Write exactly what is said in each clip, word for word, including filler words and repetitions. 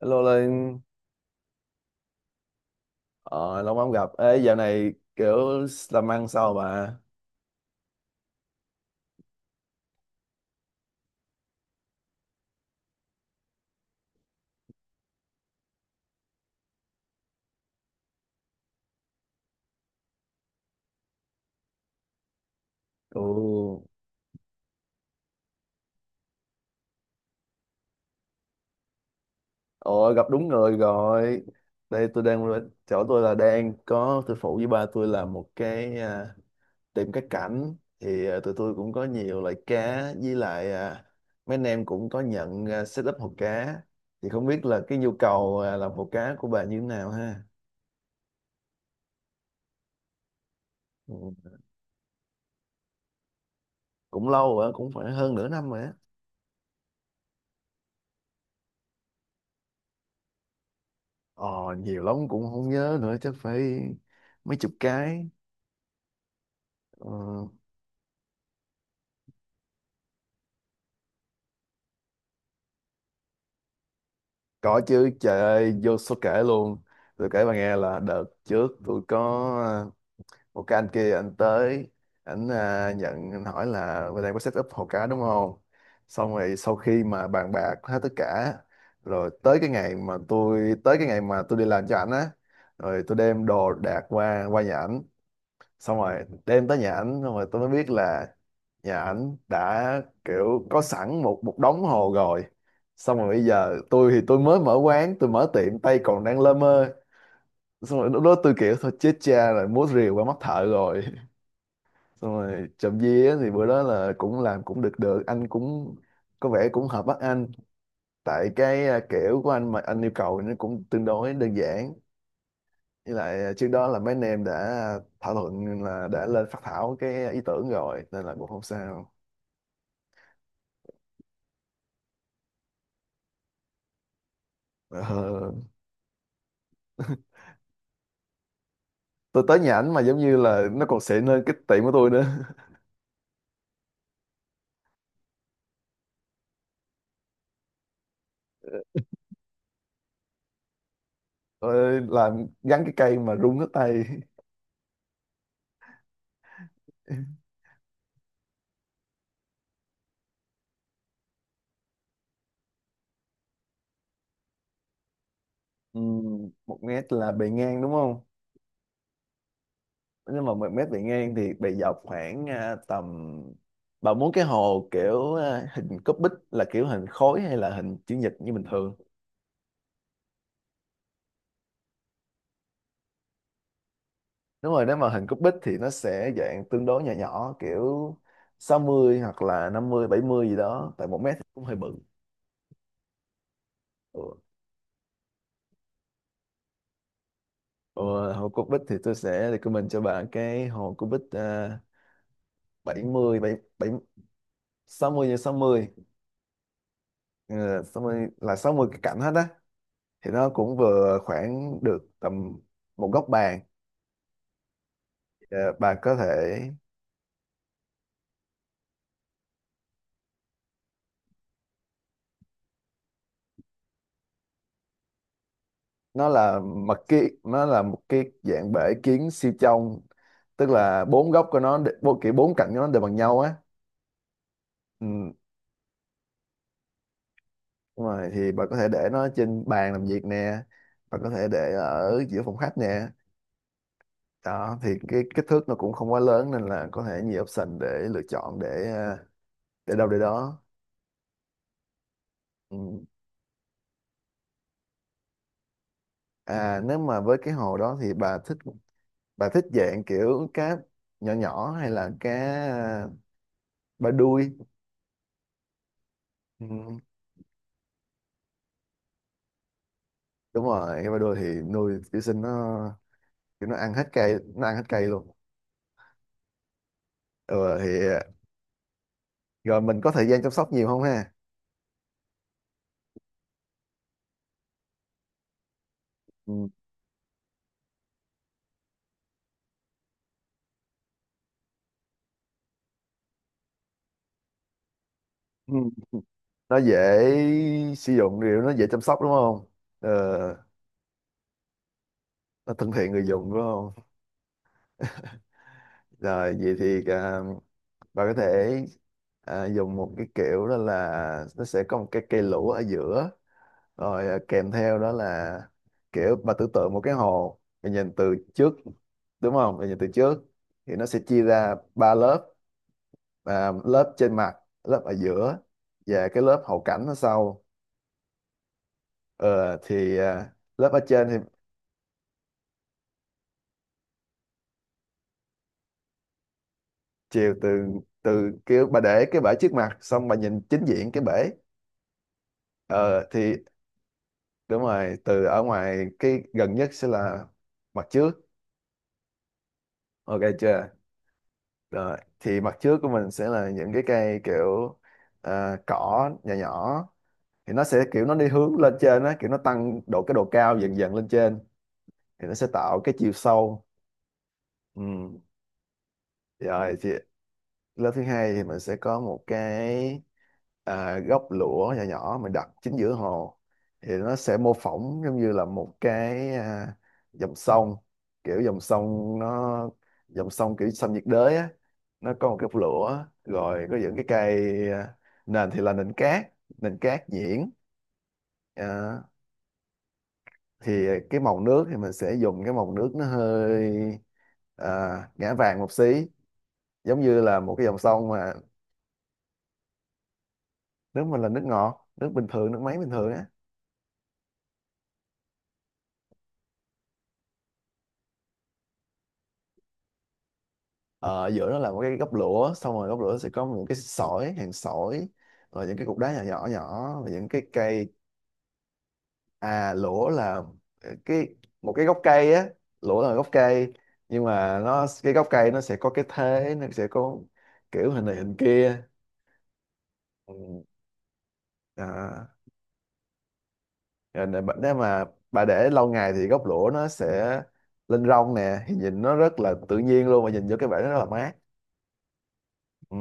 Hello Linh, ờ, lâu lắm gặp. Ê, dạo này kiểu làm ăn sao bà? Ồ, ồ, gặp đúng người rồi. Đây tôi đang chỗ tôi là đang có tôi phụ với ba tôi làm một cái à, tiệm cá cảnh, thì à, tụi tôi cũng có nhiều loại cá, với lại à, mấy anh em cũng có nhận, à, setup hồ cá. Thì không biết là cái nhu cầu à, làm hồ cá của bà như thế nào ha. Ừ, cũng lâu rồi, cũng phải hơn nửa năm rồi. Ờ, Nhiều lắm cũng không nhớ nữa, chắc phải mấy chục cái. ờ, có chứ, trời ơi vô số kể luôn. Tôi kể bà nghe là đợt trước tôi có ờ, một cái anh kia, anh tới, anh à, nhận, anh hỏi là bên đây có set up hồ cá đúng không, xong rồi sau khi mà bàn bạc hết tất cả rồi tới cái ngày mà tôi tới cái ngày mà tôi đi làm cho ảnh á, rồi tôi đem đồ đạc qua qua nhà ảnh, xong rồi đem tới nhà ảnh xong rồi tôi mới biết là nhà ảnh đã kiểu có sẵn một một đống hồ rồi. Xong rồi bây giờ tôi thì tôi mới mở quán, tôi mở tiệm tay còn đang lơ mơ, xong rồi lúc đó tôi kiểu thôi chết cha rồi, múa rìu qua mắt thợ rồi. Xong rồi trộm vía thì bữa đó là cũng làm cũng được được, anh cũng có vẻ cũng hợp mắt anh, tại cái à, kiểu của anh mà anh yêu cầu nó cũng tương đối đơn giản, với lại à, trước đó là mấy anh em đã thảo luận là đã lên phát thảo cái ý tưởng rồi nên là cũng không sao. Ờ. Tôi tới nhà ảnh mà giống như là nó còn xịn hơn cái tiệm của tôi nữa. Tôi làm gắn cái cây mà rung hết tay. Ừm, một mét là bề ngang đúng không? Nhưng mà một mét bề ngang thì bề dọc khoảng à, tầm, bà muốn cái hồ kiểu à, hình cúp bích là kiểu hình khối hay là hình chữ nhật như bình thường? Đúng rồi, nếu mà hình cúp bích thì nó sẽ dạng tương đối nhỏ nhỏ kiểu sáu mươi hoặc là năm mươi bảy mươi gì đó, tại một mét thì cũng hơi bự. Ừ. Ờ, hồ cúc bích thì tôi sẽ recommend cho bạn cái hồ cúc bích, uh, bảy mươi bảy bảy sáu mươi nhân sáu mươi. Ờ, sáu mươi là sáu mươi cái cạnh hết á, thì nó cũng vừa khoảng được tầm một góc bàn. Ờ, bạn có thể, nó là mặt kia, nó là một cái dạng bể kiến siêu trong, tức là bốn góc của nó đ- bốn kiểu bốn cạnh của nó đều bằng nhau á. Ừ. Đúng rồi, thì bạn có thể để nó trên bàn làm việc nè, bạn có thể để ở giữa phòng khách nè, đó thì cái kích thước nó cũng không quá lớn, nên là có thể nhiều option để lựa chọn, để à, để đâu để đó. Ừ. À nếu mà với cái hồ đó thì bà thích bà thích dạng kiểu cá nhỏ nhỏ hay là cá à, ba đuôi. Ừ. Đúng rồi, cái ba đuôi thì nuôi kiểu sinh nó, kiểu nó ăn hết cây, nó ăn hết cây luôn. Ừ, thì à, rồi mình có thời gian chăm sóc nhiều không ha. Ừ. Ừ. Nó dễ sử dụng, điều nó dễ chăm sóc đúng không? ờ, nó thân thiện người dùng đúng không? Rồi vậy thì à, bà có thể à, dùng một cái kiểu đó, là nó sẽ có một cái cây lũ ở giữa, rồi à, kèm theo đó là kiểu bà tưởng tượng một cái hồ, bà nhìn từ trước đúng không, bà nhìn từ trước thì nó sẽ chia ra ba lớp, à, lớp trên mặt, lớp ở giữa, và cái lớp hậu cảnh ở sau. Ờ, thì à, lớp ở trên thì chiều từ từ kiểu bà để cái bể trước mặt xong bà nhìn chính diện cái bể. Ờ, thì đúng rồi, từ ở ngoài cái gần nhất sẽ là mặt trước, ok chưa? Rồi thì mặt trước của mình sẽ là những cái cây kiểu à, cỏ nhỏ nhỏ, thì nó sẽ kiểu nó đi hướng lên trên á, kiểu nó tăng độ cái độ cao dần dần lên trên, thì nó sẽ tạo cái chiều sâu. Ừ. Rồi thì lớp thứ hai thì mình sẽ có một cái à, gốc lũa nhỏ nhỏ mình đặt chính giữa hồ, thì nó sẽ mô phỏng giống như là một cái à, dòng sông, kiểu dòng sông nó dòng sông kiểu sông nhiệt đới á, nó có một cái lũa, rồi có những cái cây, à, nền thì là nền cát, nền cát nhuyễn. à, thì cái màu nước thì mình sẽ dùng cái màu nước nó hơi à, ngã vàng một xí, giống như là một cái dòng sông mà. Nước mình là nước ngọt, nước bình thường, nước máy bình thường á. ờ, Giữa nó là một cái gốc lũa, xong rồi gốc lũa sẽ có những cái sỏi, hàng sỏi, rồi những cái cục đá nhỏ nhỏ nhỏ và những cái cây. À lũa là ờ, cái một cái gốc cây á, lũa là gốc cây, nhưng mà nó cái gốc cây nó sẽ có cái thế, nó sẽ có kiểu hình này hình kia. Ừ. à, Rồi nè, bà- nếu mà bà để lâu ngày thì gốc lũa nó sẽ lên rong nè, thì nhìn nó rất là tự nhiên luôn, mà nhìn vô cái bể nó rất là mát. Ừ.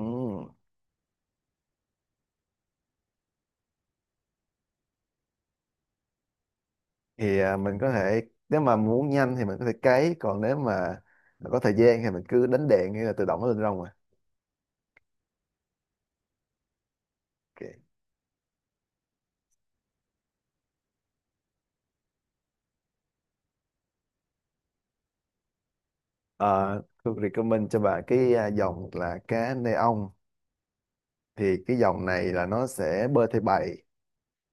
Thì à, mình có thể, nếu mà muốn nhanh thì mình có thể cấy, còn nếu mà mà có thời gian thì mình cứ đánh đèn hay là tự động nó lên rong mà. Ok. Ờ, tôi recommend cho bạn cái à, dòng là cá neon, thì cái dòng này là nó sẽ bơi theo bầy,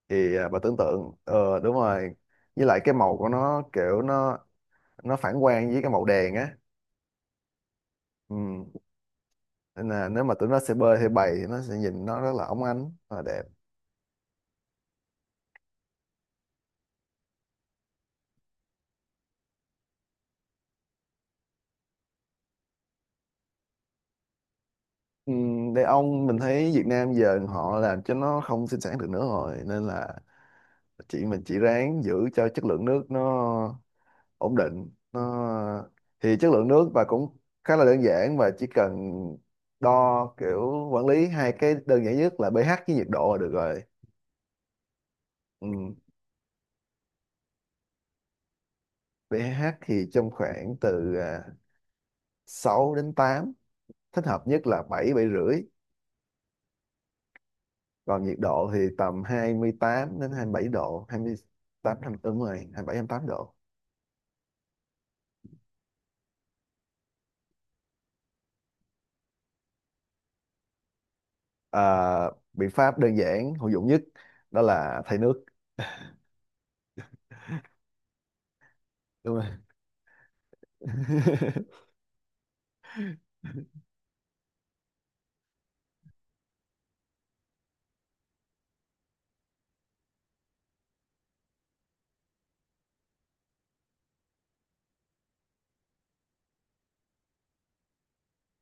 thì à, bạn tưởng tượng ờ đúng rồi, với lại cái màu của nó kiểu nó nó phản quang với cái màu đèn á. Ừ. Nên là nếu mà tụi nó sẽ bơi theo bầy thì nó sẽ nhìn nó rất là óng ánh và đẹp. Ừ, đàn ông mình thấy Việt Nam giờ họ làm cho nó không sinh sản được nữa rồi, nên là chị mình chỉ ráng giữ cho chất lượng nước nó ổn định nó, thì chất lượng nước và cũng khá là đơn giản và chỉ cần đo kiểu quản lý hai cái đơn giản nhất là pH với nhiệt độ là được rồi. Ừ. pH thì trong khoảng từ à, sáu đến tám, thích hợp nhất là bảy bảy rưỡi. Còn nhiệt độ thì tầm hai mươi tám đến hai mươi bảy độ, hai mươi tám đúng rồi, hai mươi bảy, hai mươi tám độ. À, biện pháp đơn giản hữu dụng nhất đó là thay nước. Đúng rồi.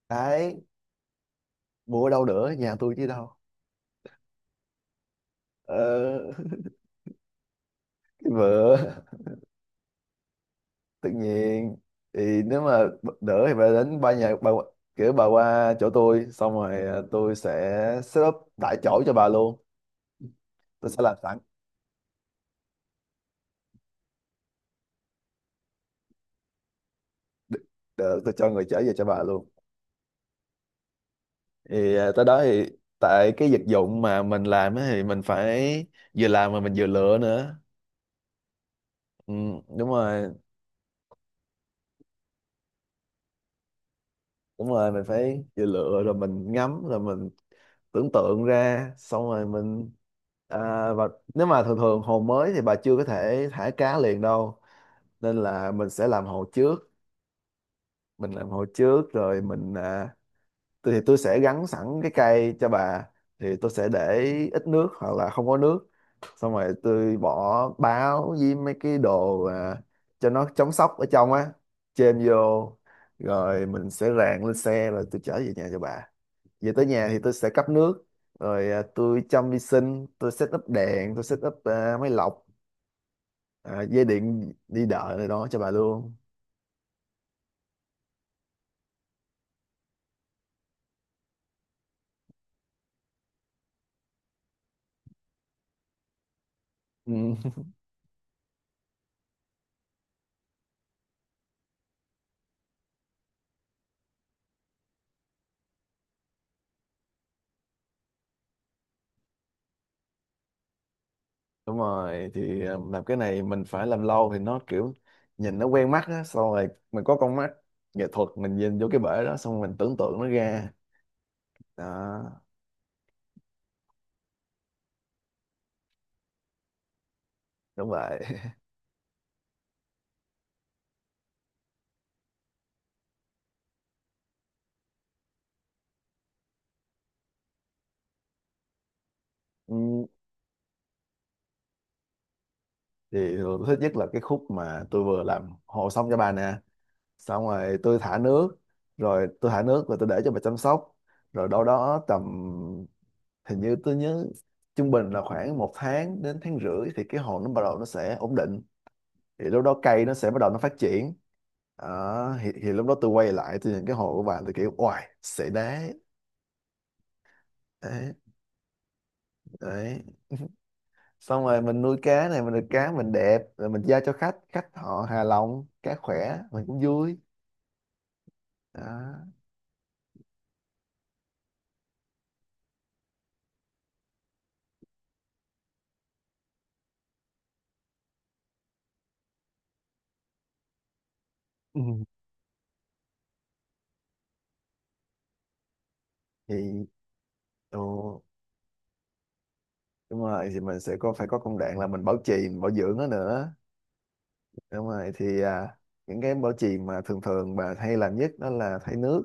Cái mua ở đâu nữa, nhà tôi chứ đâu. ờ, cái vợ tự nhiên, thì nếu mà đỡ thì bà đến ba nhà bà, kiểu bà qua chỗ tôi xong rồi à, tôi sẽ set up tại chỗ cho bà luôn. Tôi sẽ làm sẵn được, tôi cho người chở về cho bà luôn. Thì à, tới đó thì tại cái vật dụng mà mình làm á thì mình phải vừa làm mà mình vừa lựa nữa. Ừ, đúng rồi, đúng rồi, mình phải vừa lựa rồi mình ngắm rồi mình tưởng tượng ra, xong rồi mình, à, và nếu mà thường thường hồ mới thì bà chưa có thể thả cá liền đâu, nên là mình sẽ làm hồ trước. Mình làm hồ trước rồi mình, à, tôi thì tôi sẽ gắn sẵn cái cây cho bà, thì tôi sẽ để ít nước hoặc là không có nước, xong rồi tôi bỏ báo với mấy cái đồ à, cho nó chống sốc ở trong á. Chêm vô, rồi mình sẽ rang lên xe rồi tôi chở về nhà cho bà, về tới nhà thì tôi sẽ cấp nước, rồi à, tôi chăm vi sinh, tôi set up đèn, tôi set up à, máy lọc, à, dây điện đi đợi này đó cho bà luôn. Ừ. Đúng rồi, thì à, làm cái này mình phải làm lâu thì nó kiểu nhìn nó quen mắt á, xong rồi mình có con mắt nghệ thuật, mình nhìn vô cái bể đó xong rồi mình tưởng tượng nó ra đó. Đúng vậy. Ừ. Thì tôi thích nhất là cái khúc mà tôi vừa làm hồ xong cho bà nè. Xong rồi tôi thả nước, rồi tôi thả nước và tôi để cho bà chăm sóc. Rồi đâu đó tầm, hình như tôi nhớ trung bình là khoảng một tháng đến tháng rưỡi thì cái hồ nó bắt đầu nó sẽ ổn định, thì lúc đó cây nó sẽ bắt đầu nó phát triển. Đó, thì, thì lúc đó tôi quay lại tôi nhìn cái hồ của bạn tôi kiểu oài xệ đá. Đấy, đấy, xong rồi mình nuôi cá này mình được cá mình đẹp rồi mình giao cho khách, khách họ hài lòng, cá khỏe mình cũng vui. Đó. Ừ. thì ừ, Đúng rồi, thì mình sẽ có phải có công đoạn là mình bảo trì mình bảo dưỡng nó nữa. Đúng rồi, thì à, những cái bảo trì mà thường thường bà hay làm nhất đó là thay nước.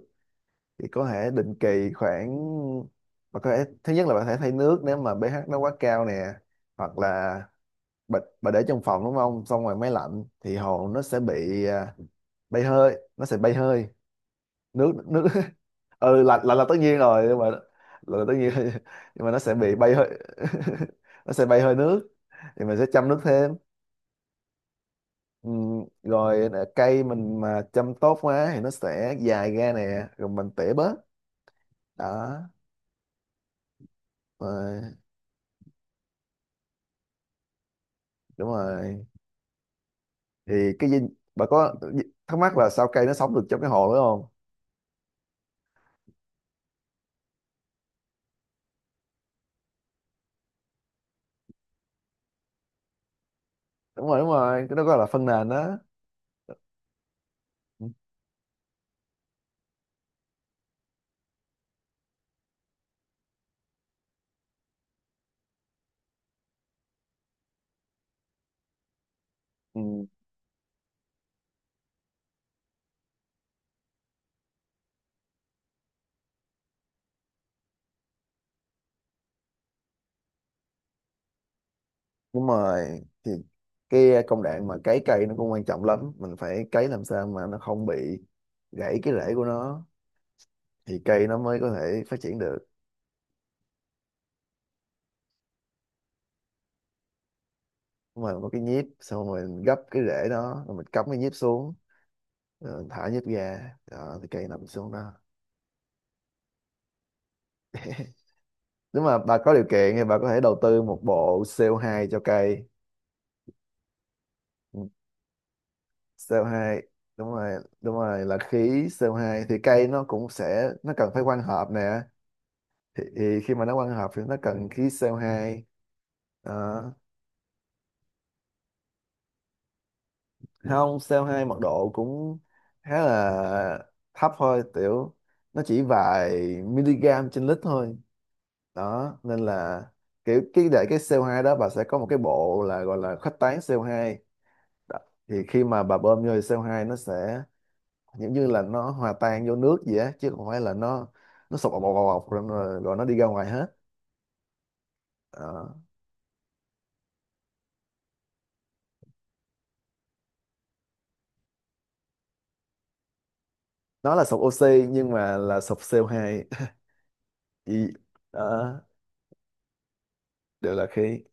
Thì có thể định kỳ khoảng, bà có thể thứ nhất là bà thể thay nước nếu mà pê hát nó quá cao nè, hoặc là bà, bà để trong phòng đúng không, xong rồi máy lạnh thì hồ nó sẽ bị à, bay hơi, nó sẽ bay hơi nước nước. Ừ, lạnh lạnh là là tất nhiên rồi, nhưng mà lạnh là tất nhiên nhưng mà nó sẽ bị bay hơi, nó sẽ bay hơi nước, thì mình sẽ chăm nước thêm. Ừ, rồi là cây mình mà chăm tốt quá thì nó sẽ dài ra nè, rồi mình tỉa bớt. Đó. Rồi, đúng rồi. Thì cái gì, bà có thắc mắc là sao cây nó sống được trong cái hồ đúng không? Đúng rồi, đúng rồi, cái đó gọi là phân nền đó. Ừ, ừ, đúng rồi, thì cái ờ, công đoạn mà cấy cây nó cũng quan trọng lắm, mình phải cấy làm sao mà nó không bị gãy cái rễ của nó, thì cây nó mới có thể phát triển được. Đúng rồi, có cái nhíp, xong rồi mình gấp cái rễ đó rồi mình cắm cái nhíp xuống. Ờ, thả nhất gà. Ờ, thì cây nằm xuống đó. Nếu mà bà có điều kiện thì bà có thể đầu tư một bộ xê ô hai cho cây. xê ô hai đúng rồi, đúng rồi, là khí xê ô hai, thì cây nó cũng sẽ nó cần phải quang hợp nè, thì, thì khi mà nó quang hợp thì nó cần khí xê ô hai. Ờ, không, xê ô hai mật độ cũng khá là thấp thôi, tiểu nó chỉ vài miligam trên lít thôi. Đó, nên là kiểu cái để cái xê ô hai đó, bà sẽ có một cái bộ là gọi là khuếch tán xê ô hai. Đó. Thì khi mà bà bơm vô thì xê ô hai nó sẽ giống như là nó hòa tan vô nước gì á, chứ không phải là nó nó sụp bọc bọc bọc bọc, rồi, rồi rồi nó đi ra ngoài hết. Đó. Nó là sụp oxy nhưng mà là sụp xê ô hai. Ý, đó, đều là khí,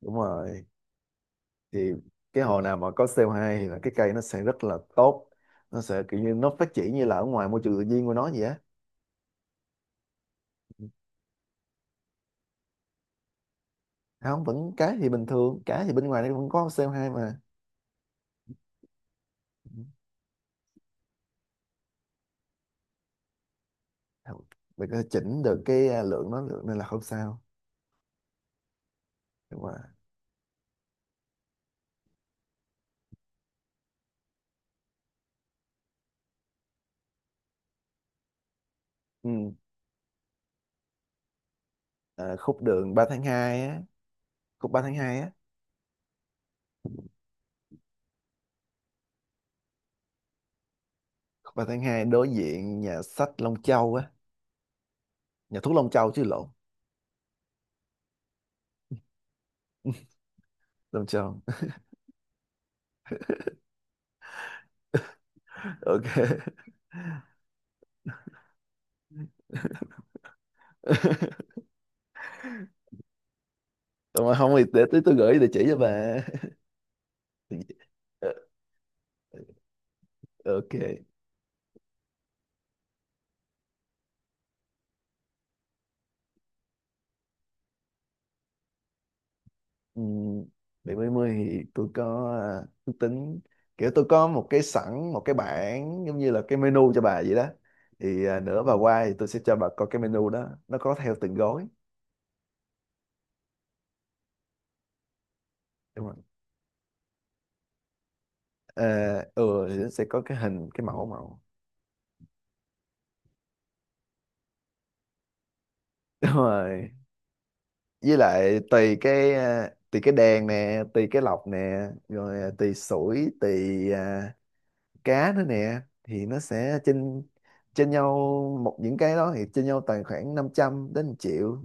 đúng rồi, thì cái hồ nào mà có xê ô hai thì là cái cây nó sẽ rất là tốt, nó sẽ kiểu như nó phát triển như là ở ngoài môi trường tự nhiên của nó vậy á. Không, vẫn cá, thì bình thường cá thì bên ngoài nó vẫn có xê ô hai mà. Không, mình có thể chỉnh được cái à, lượng nó, lượng nên là không sao, nhưng mà ừ. À, khúc đường ba tháng hai á. Khúc ba tháng hai á, khúc ba tháng hai, đối diện nhà sách Long Châu á. Nhà thuốc Long Châu chứ, lộn. Long Châu. Ok. Mà không thì để tí tôi gửi địa chỉ cho bà. Ok. Ừ, bảy mấy mươi thì tôi có à, ước tính, kiểu tôi có một cái sẵn, một cái bảng giống như là cái menu cho bà vậy đó. Thì à, nữa bà qua thì tôi sẽ cho bà coi cái menu đó, nó có theo từng gói đúng không. Ờ. Ừ, thì nó sẽ có cái hình, cái mẫu mẫu. Đúng rồi, với lại tùy cái à, tùy cái đèn nè, tùy cái lọc nè, rồi à, tùy sủi, tùy à, cá nữa nè, thì nó sẽ trên trên nhau một, những cái đó thì trên nhau tầm khoảng năm trăm đến một triệu.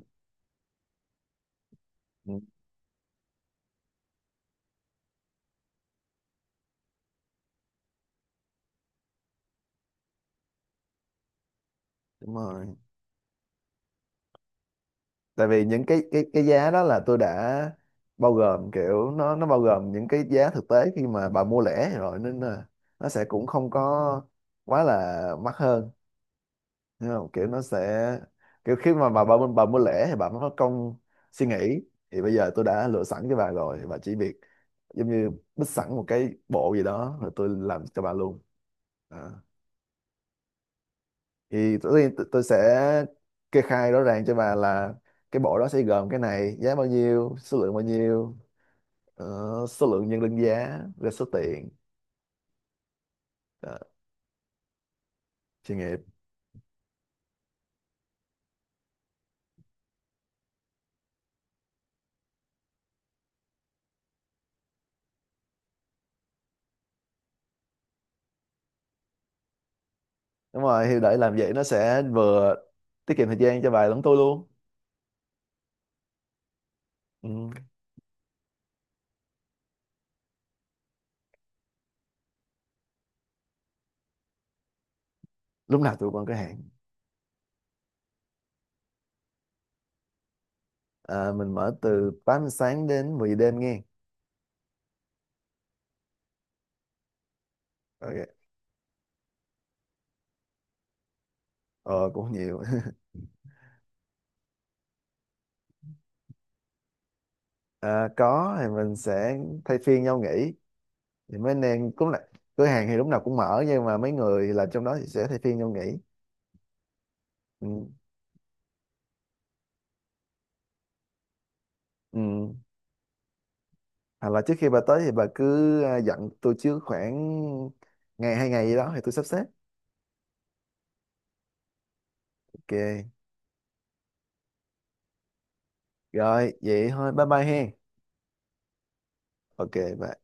Ừ, đúng rồi, tại vì những cái cái cái giá đó là tôi đã bao gồm, kiểu nó nó bao gồm những cái giá thực tế khi mà bà mua lẻ rồi, nên là nó sẽ cũng không có quá là mắc hơn, hiểu không, kiểu nó sẽ kiểu khi mà bà bà, bà mua lẻ thì bà mới có công suy nghĩ. Thì bây giờ tôi đã lựa sẵn cho bà rồi, bà chỉ việc giống như bích sẵn một cái bộ gì đó rồi tôi làm cho bà luôn. Thì tất nhiên t- tôi sẽ kê khai rõ ràng cho bà là cái bộ đó sẽ gồm cái này, giá bao nhiêu, số lượng bao nhiêu, ờ, số lượng nhân đơn giá rồi số tiền. Đó, chuyên nghiệp. Đúng rồi, thì để làm vậy nó sẽ vừa tiết kiệm thời gian cho bà lẫn tôi luôn. Ừ. Lúc nào tụi con có hẹn. À, mình mở từ tám giờ sáng đến mười giờ đêm nghe. Ok. Ờ, cũng nhiều. À, có, thì mình sẽ thay phiên nhau nghỉ, thì mấy anh em cũng là cửa hàng thì lúc nào cũng mở, nhưng mà mấy người làm trong đó thì sẽ thay phiên nhau nghỉ. Ừ, ừ. Hoặc là trước khi bà tới thì bà cứ à, dặn tôi trước khoảng ngày, hai ngày gì đó thì tôi sắp xếp. Ok. Rồi, vậy thôi, bye bye hen. Ok. Bye.